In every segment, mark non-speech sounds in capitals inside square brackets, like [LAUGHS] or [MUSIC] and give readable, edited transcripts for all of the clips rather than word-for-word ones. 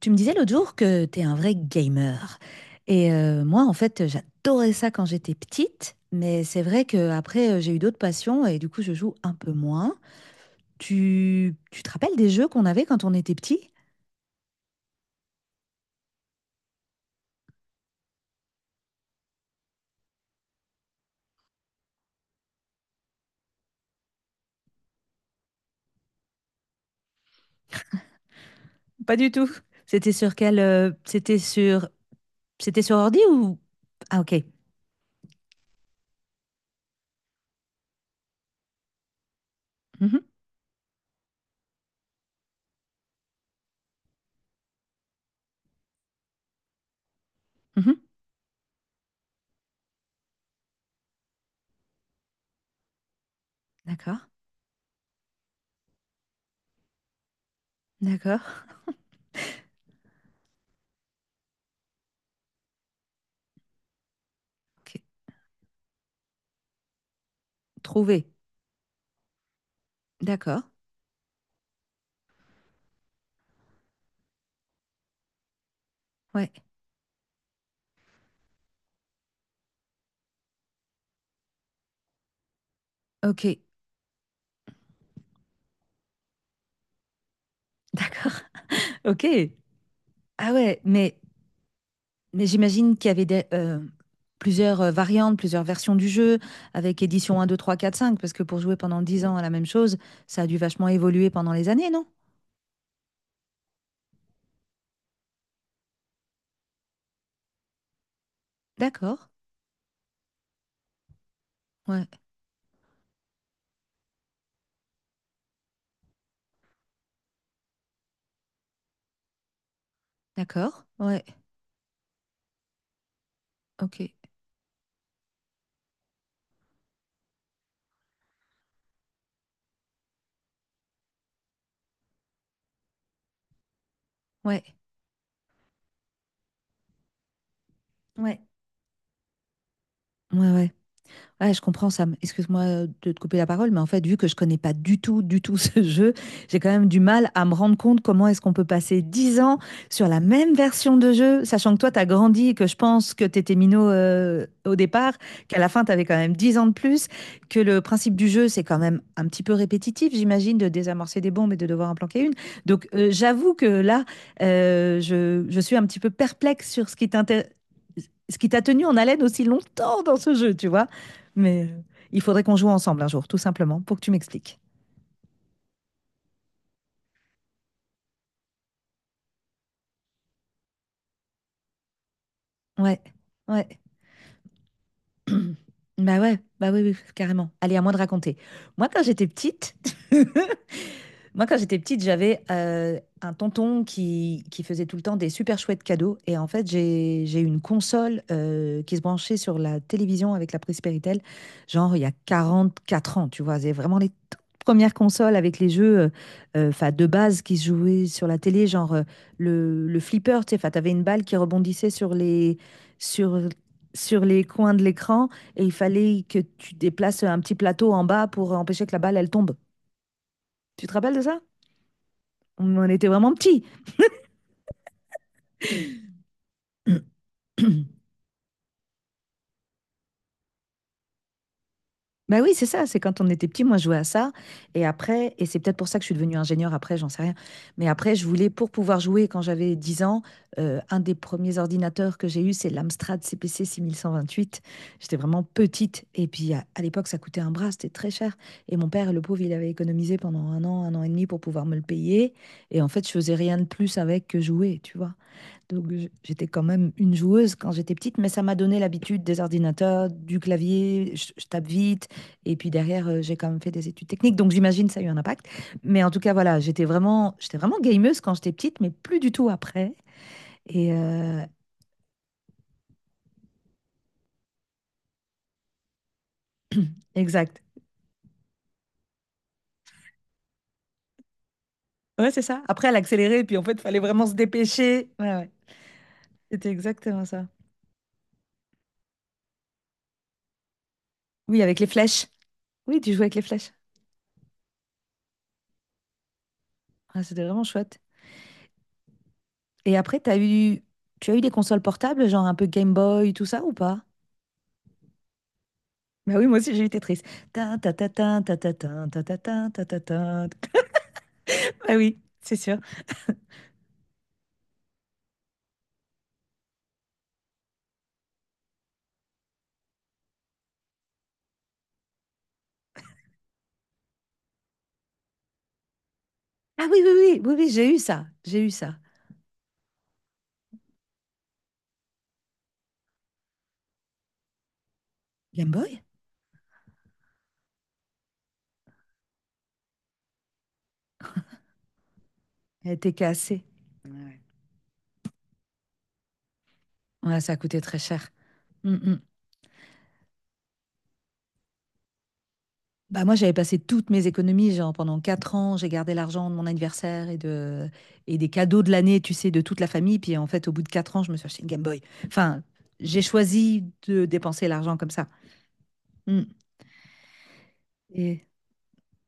Tu me disais l'autre jour que t'es un vrai gamer. Et moi, en fait, j'adorais ça quand j'étais petite, mais c'est vrai que qu'après, j'ai eu d'autres passions et du coup, je joue un peu moins. Tu te rappelles des jeux qu'on avait quand on était petit? Pas du tout. C'était sur quel, c'était sur. C'était sur ordi ou. Ah, ok. Mhm, mhm. D'accord. D'accord. Ok. Trouver. D'accord. Ouais. Ok. D'accord. [LAUGHS] Ok. Ah ouais, mais. Mais j'imagine qu'il y avait plusieurs variantes, plusieurs versions du jeu, avec édition un, 2, 3, 4, 5. Parce que pour jouer pendant 10 ans à la même chose, ça a dû vachement évoluer pendant les années, non? D'accord. Ouais. D'accord. Ouais. Ok. Ouais. Ouais. Ouais, ouais. Ouais, je comprends Sam. Excuse-moi, de te couper la parole, mais en fait, vu que je connais pas du tout, du tout [LAUGHS] ce jeu, j'ai quand même du mal à me rendre compte comment est-ce qu'on peut passer 10 ans sur la même version de jeu, sachant que toi, tu as grandi et que je pense que tu étais minot au départ, qu'à la fin, tu avais quand même 10 ans de plus, que le principe du jeu, c'est quand même un petit peu répétitif, j'imagine, de désamorcer des bombes et de devoir en planquer une. Donc, j'avoue que là, je suis un petit peu perplexe sur ce qui t'a tenu en haleine aussi longtemps dans ce jeu, tu vois. Mais il faudrait qu'on joue ensemble un jour, tout simplement, pour que tu m'expliques. Ouais, ouais. [CLEARS THROAT] Bah ouais, bah oui, oui, carrément. Allez, à moi de raconter. Moi, quand j'étais petite, [LAUGHS] Moi, quand j'étais petite, j'avais un tonton qui faisait tout le temps des super chouettes cadeaux. Et en fait, j'ai une console qui se branchait sur la télévision avec la prise Péritel, genre il y a 44 ans, tu vois. C'est vraiment les toutes premières consoles avec les jeux 'fin, de base qui se jouaient sur la télé, genre le flipper, tu sais, tu avais une balle qui rebondissait sur, sur les coins de l'écran et il fallait que tu déplaces un petit plateau en bas pour empêcher que la balle, elle tombe. Tu te rappelles de ça? On était vraiment petits. [CLEARS THROAT] [COUGHS] Ben oui, c'est ça, c'est quand on était petit, moi je jouais à ça. Et après, et c'est peut-être pour ça que je suis devenue ingénieure après, j'en sais rien. Mais après, je voulais, pour pouvoir jouer quand j'avais 10 ans, un des premiers ordinateurs que j'ai eu, c'est l'Amstrad CPC 6128. J'étais vraiment petite. Et puis à l'époque, ça coûtait un bras, c'était très cher. Et mon père, le pauvre, il avait économisé pendant un an et demi pour pouvoir me le payer. Et en fait, je faisais rien de plus avec que jouer, tu vois. Donc j'étais quand même une joueuse quand j'étais petite, mais ça m'a donné l'habitude des ordinateurs, du clavier, je tape vite, et puis derrière j'ai quand même fait des études techniques, donc j'imagine ça a eu un impact. Mais en tout cas voilà, j'étais vraiment gameuse quand j'étais petite, mais plus du tout après. Et euh, Exact. Ouais, c'est ça. Après elle accélérait, et puis en fait il fallait vraiment se dépêcher. Ouais, ouais. C'était exactement ça. Oui, avec les flèches. Oui, tu jouais avec les flèches. Ah, c'était vraiment chouette. Et après, tu as eu des consoles portables, genre un peu Game Boy, tout ça ou pas? Bah oui, moi aussi j'ai eu Tetris. Ta ta, ta, ta ta, ta, ta ta, ta, ta ta, ta, ta. Ah oui, c'est sûr. Ah oui, oui, oui, oui, oui, j'ai eu ça. J'ai eu ça. Game Boy? Elle était cassée. Ouais, ouais. Ouais, ça a coûté très cher. Mm, mm. Bah moi, j'avais passé toutes mes économies, genre pendant 4 ans, j'ai gardé l'argent de mon anniversaire et des cadeaux de l'année, tu sais, de toute la famille. Puis en fait, au bout de 4 ans, je me suis acheté une Game Boy. Enfin, j'ai choisi de dépenser l'argent comme ça. Mm. Et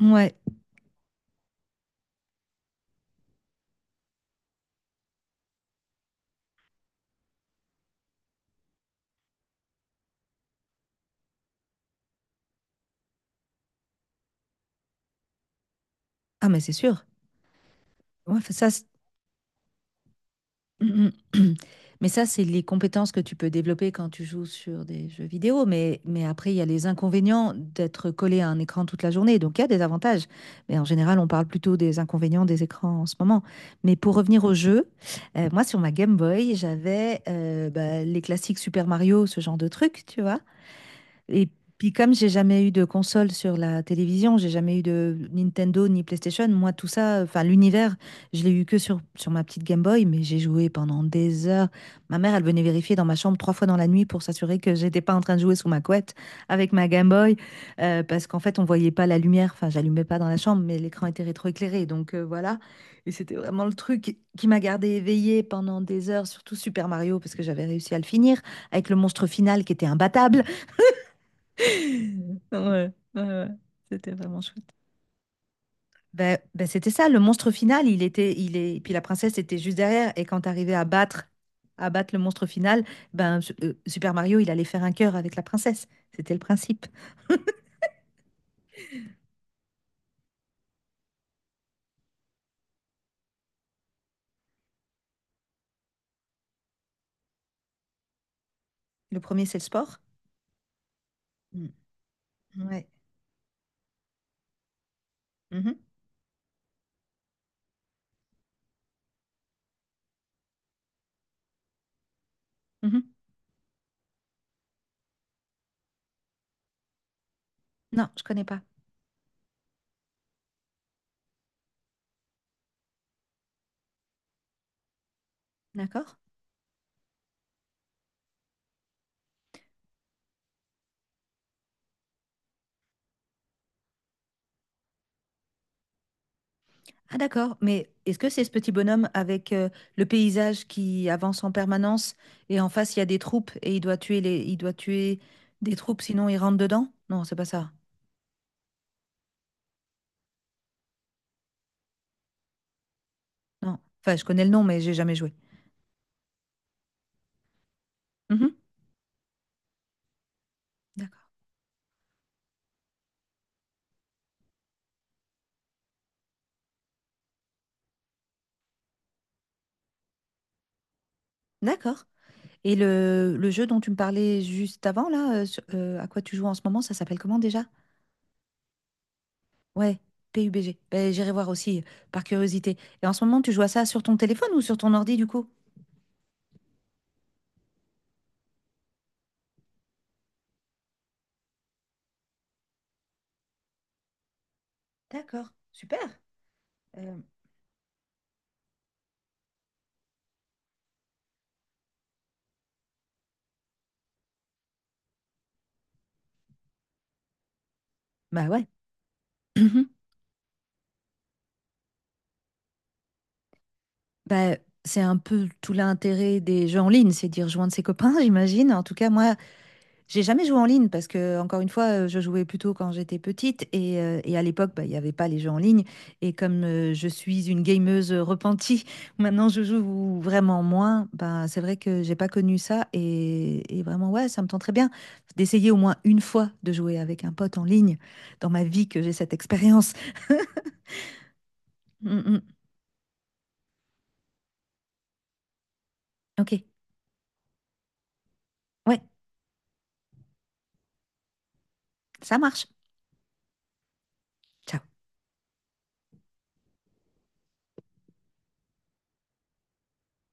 ouais, ah mais c'est sûr. Ouais, ça. Mm, mm. [CLEARS THROAT] Mais ça, c'est les compétences que tu peux développer quand tu joues sur des jeux vidéo. Mais après, il y a les inconvénients d'être collé à un écran toute la journée. Donc, il y a des avantages. Mais en général, on parle plutôt des inconvénients des écrans en ce moment. Mais pour revenir au jeu, moi, sur ma Game Boy, j'avais bah, les classiques Super Mario, ce genre de trucs, tu vois. Et puis comme j'ai jamais eu de console sur la télévision, j'ai jamais eu de Nintendo ni PlayStation, moi tout ça, enfin l'univers, je l'ai eu que sur ma petite Game Boy, mais j'ai joué pendant des heures. Ma mère, elle venait vérifier dans ma chambre trois fois dans la nuit pour s'assurer que j'étais pas en train de jouer sous ma couette avec ma Game Boy, parce qu'en fait on voyait pas la lumière, enfin j'allumais pas dans la chambre, mais l'écran était rétroéclairé, donc voilà. Et c'était vraiment le truc qui m'a gardée éveillée pendant des heures, surtout Super Mario, parce que j'avais réussi à le finir, avec le monstre final qui était imbattable. [LAUGHS] Ouais, ouais, ouais. C'était vraiment chouette. Ben, c'était ça, le monstre final, il était, il est, puis la princesse était juste derrière, et quand t'arrivais à battre le monstre final, ben Super Mario, il allait faire un cœur avec la princesse. C'était le principe. Le premier, c'est le sport. Mm. Ouais. Mhm, mhm. Non, je connais pas. D'accord? Ah d'accord, mais est-ce que c'est ce petit bonhomme avec le paysage qui avance en permanence et en face il y a des troupes et il doit tuer des troupes sinon il rentre dedans? Non, c'est pas ça. Non. Enfin, je connais le nom, mais j'ai jamais joué. Mhm. D'accord. D'accord. Et le jeu dont tu me parlais juste avant, là, à quoi tu joues en ce moment, ça s'appelle comment déjà? Ouais, PUBG. Ben, j'irai voir aussi, par curiosité. Et en ce moment, tu joues à ça sur ton téléphone ou sur ton ordi, du coup? D'accord. Super. Euh, Bah ouais. Mhm. Bah, c'est un peu tout l'intérêt des jeux en ligne, c'est d'y rejoindre ses copains, [LAUGHS] j'imagine. En tout cas, moi, j'ai jamais joué en ligne parce que, encore une fois, je jouais plutôt quand j'étais petite et à l'époque, bah, il n'y avait pas les jeux en ligne. Et comme je suis une gameuse repentie, [LAUGHS] maintenant je joue vraiment moins. Bah, c'est vrai que j'ai pas connu ça et vraiment, ouais, ça me tente très bien d'essayer au moins une fois de jouer avec un pote en ligne dans ma vie que j'ai cette expérience. [LAUGHS] Mm, mm. Ok, ouais, ça marche. Ciao.